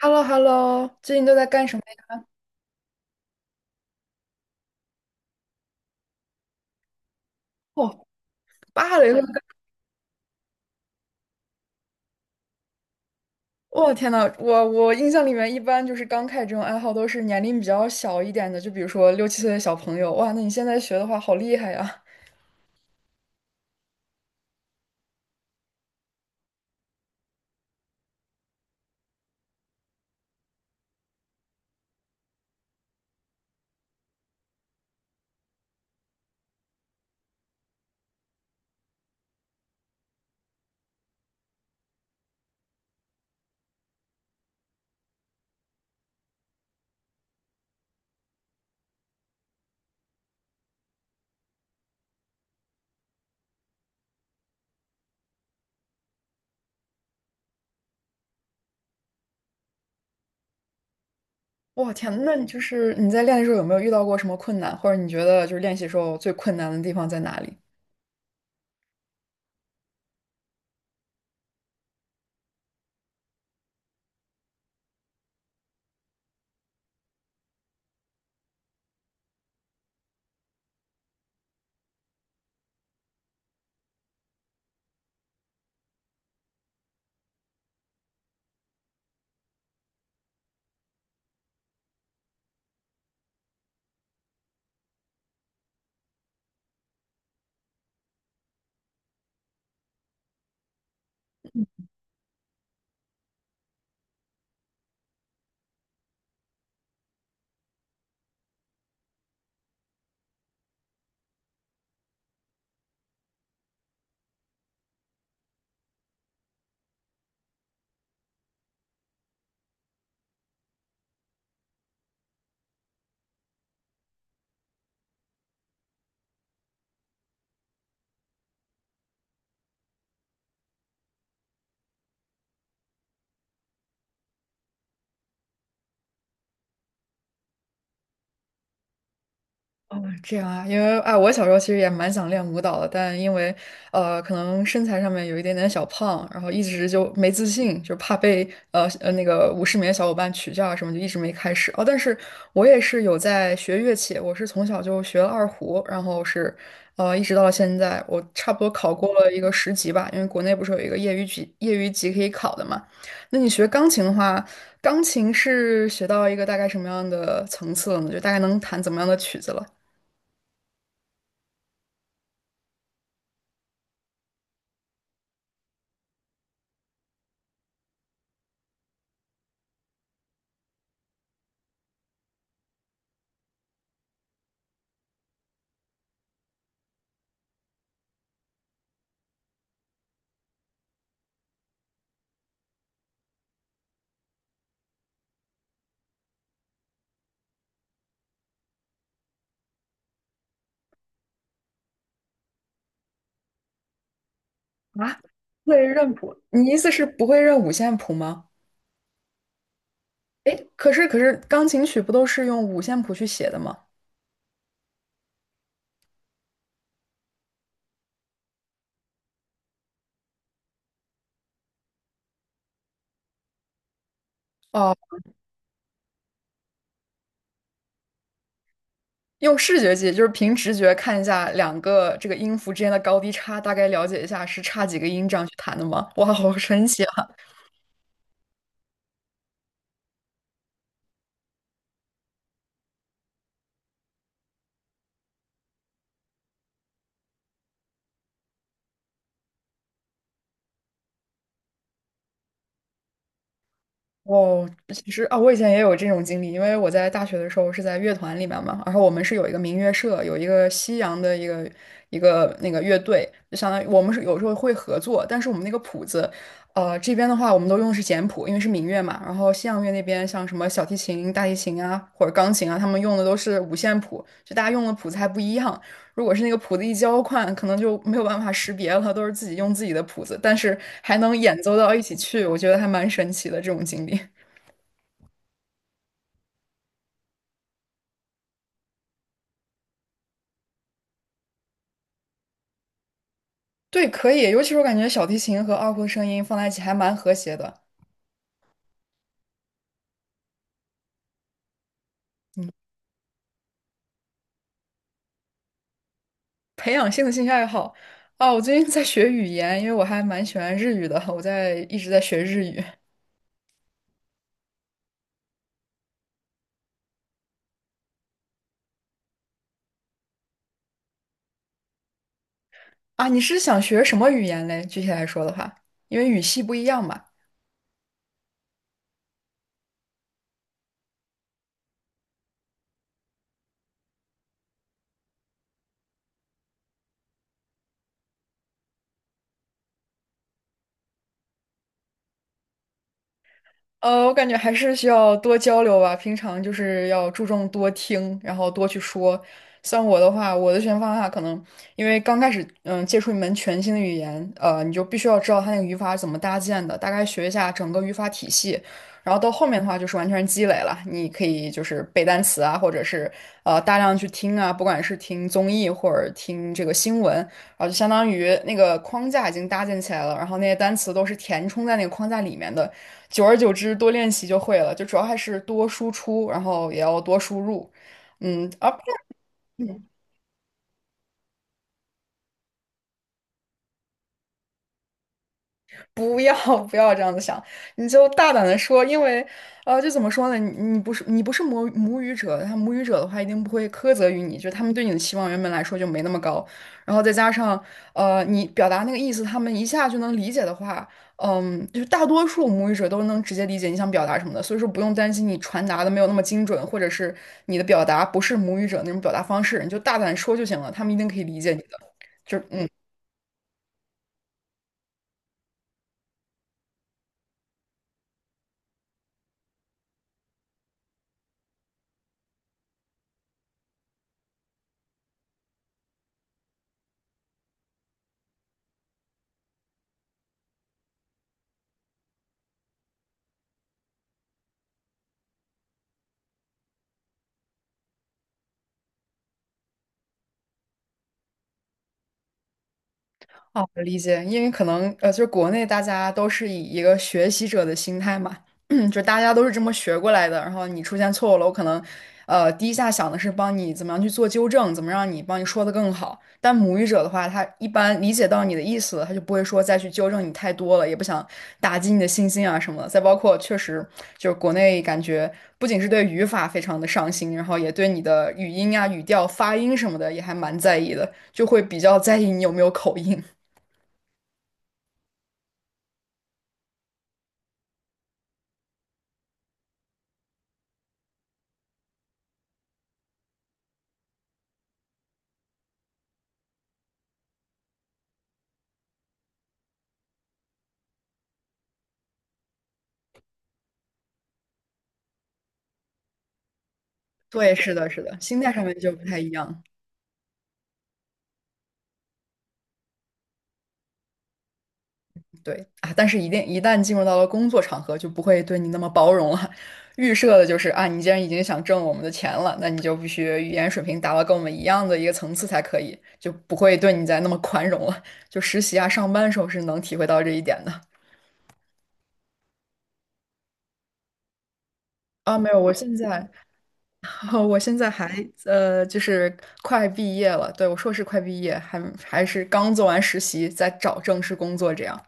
h e l l o h e l l o， 最近都在干什么呀？哦，芭蕾舞！天呐，我印象里面一般就是刚开始这种爱好都是年龄比较小一点的，就比如说六七岁的小朋友。哇，那你现在学的话，好厉害呀！哇，天呐，那你就是你在练的时候有没有遇到过什么困难，或者你觉得就是练习时候最困难的地方在哪里？哦，这样啊。因为哎，我小时候其实也蛮想练舞蹈的，但因为可能身材上面有一点点小胖，然后一直就没自信，就怕被那个舞室里的小伙伴取笑啊什么，就一直没开始。哦，但是我也是有在学乐器，我是从小就学了二胡，然后是一直到现在，我差不多考过了一个10级吧，因为国内不是有一个业余级可以考的嘛。那你学钢琴的话，钢琴是学到一个大概什么样的层次了呢？就大概能弹怎么样的曲子了？啊，会认谱？你意思是不会认五线谱吗？诶，可是钢琴曲不都是用五线谱去写的吗？哦，用视觉记，就是凭直觉看一下两个这个音符之间的高低差，大概了解一下是差几个音这样去弹的吗？哇，好神奇！哦，其实啊，我以前也有这种经历，因为我在大学的时候是在乐团里面嘛，然后我们是有一个民乐社，有一个西洋的一个那个乐队，就相当于我们是有时候会合作，但是我们那个谱子，这边的话我们都用的是简谱，因为是民乐嘛，然后西洋乐那边像什么小提琴、大提琴啊或者钢琴啊，他们用的都是五线谱，就大家用的谱子还不一样，如果是那个谱子一交换，可能就没有办法识别了，都是自己用自己的谱子，但是还能演奏到一起去，我觉得还蛮神奇的这种经历。对，可以，尤其是我感觉小提琴和二胡的声音放在一起还蛮和谐的。嗯，培养新的兴趣爱好啊，我最近在学语言，因为我还蛮喜欢日语的，我一直在学日语啊。你是想学什么语言嘞？具体来说的话，因为语系不一样嘛。我感觉还是需要多交流吧。平常就是要注重多听，然后多去说。像我的话，我的学习方法可能因为刚开始，嗯，接触一门全新的语言，你就必须要知道它那个语法是怎么搭建的，大概学一下整个语法体系。然后到后面的话，就是完全积累了，你可以就是背单词啊，或者是大量去听啊，不管是听综艺或者听这个新闻，啊，就相当于那个框架已经搭建起来了，然后那些单词都是填充在那个框架里面的，久而久之多练习就会了，就主要还是多输出，然后也要多输入，嗯，而不要 不要这样子想，你就大胆的说。因为，就怎么说呢，你不是母语者，他母语者的话一定不会苛责于你，就他们对你的期望原本来说就没那么高，然后再加上，你表达那个意思，他们一下就能理解的话，嗯，就是大多数母语者都能直接理解你想表达什么的，所以说不用担心你传达的没有那么精准，或者是你的表达不是母语者那种表达方式，你就大胆说就行了，他们一定可以理解你的，就嗯。哦，理解，因为可能就是国内大家都是以一个学习者的心态嘛，就大家都是这么学过来的，然后你出现错误了，我可能第一下想的是帮你怎么样去做纠正，怎么让你帮你说的更好。但母语者的话，他一般理解到你的意思了他就不会说再去纠正你太多了，也不想打击你的信心啊什么的。再包括确实就是国内感觉不仅是对语法非常的上心，然后也对你的语音啊、语调、发音什么的也还蛮在意的，就会比较在意你有没有口音。对，是的，是的，心态上面就不太一样。对啊，但是一旦进入到了工作场合，就不会对你那么包容了。预设的就是啊，你既然已经想挣我们的钱了，那你就必须语言水平达到跟我们一样的一个层次才可以，就不会对你再那么宽容了。就实习啊、上班的时候是能体会到这一点的。啊，没有，我现在，我现在还就是快毕业了。对，我硕士快毕业，还是刚做完实习，在找正式工作这样。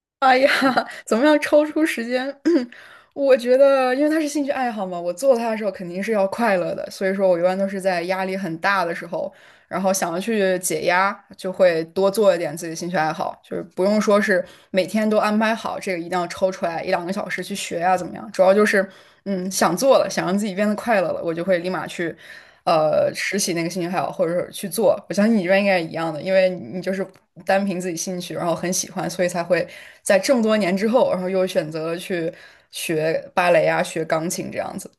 哎呀，怎么样抽出时间？我觉得，因为它是兴趣爱好嘛，我做它的时候肯定是要快乐的，所以说我一般都是在压力很大的时候，然后想要去解压，就会多做一点自己兴趣爱好。就是不用说是每天都安排好，这个一定要抽出来一两个小时去学呀、怎么样？主要就是，嗯，想做了，想让自己变得快乐了，我就会立马去，拾起那个兴趣爱好，或者是去做。我相信你这边应该也一样的，因为你就是单凭自己兴趣，然后很喜欢，所以才会在这么多年之后，然后又选择了去学芭蕾啊、学钢琴这样子。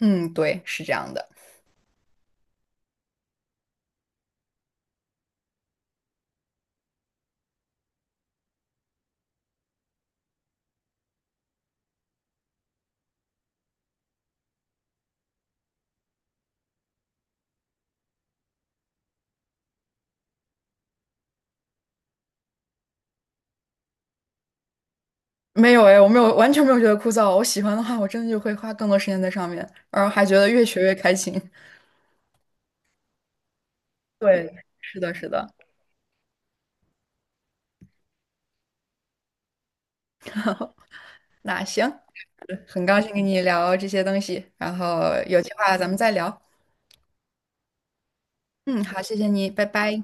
嗯，对，是这样的。没有哎，我没有，完全没有觉得枯燥。我喜欢的话，我真的就会花更多时间在上面，然后还觉得越学越开心。对，是的，是的。那行，很高兴跟你聊这些东西，然后有计划咱们再聊。嗯，好，谢谢你，拜拜。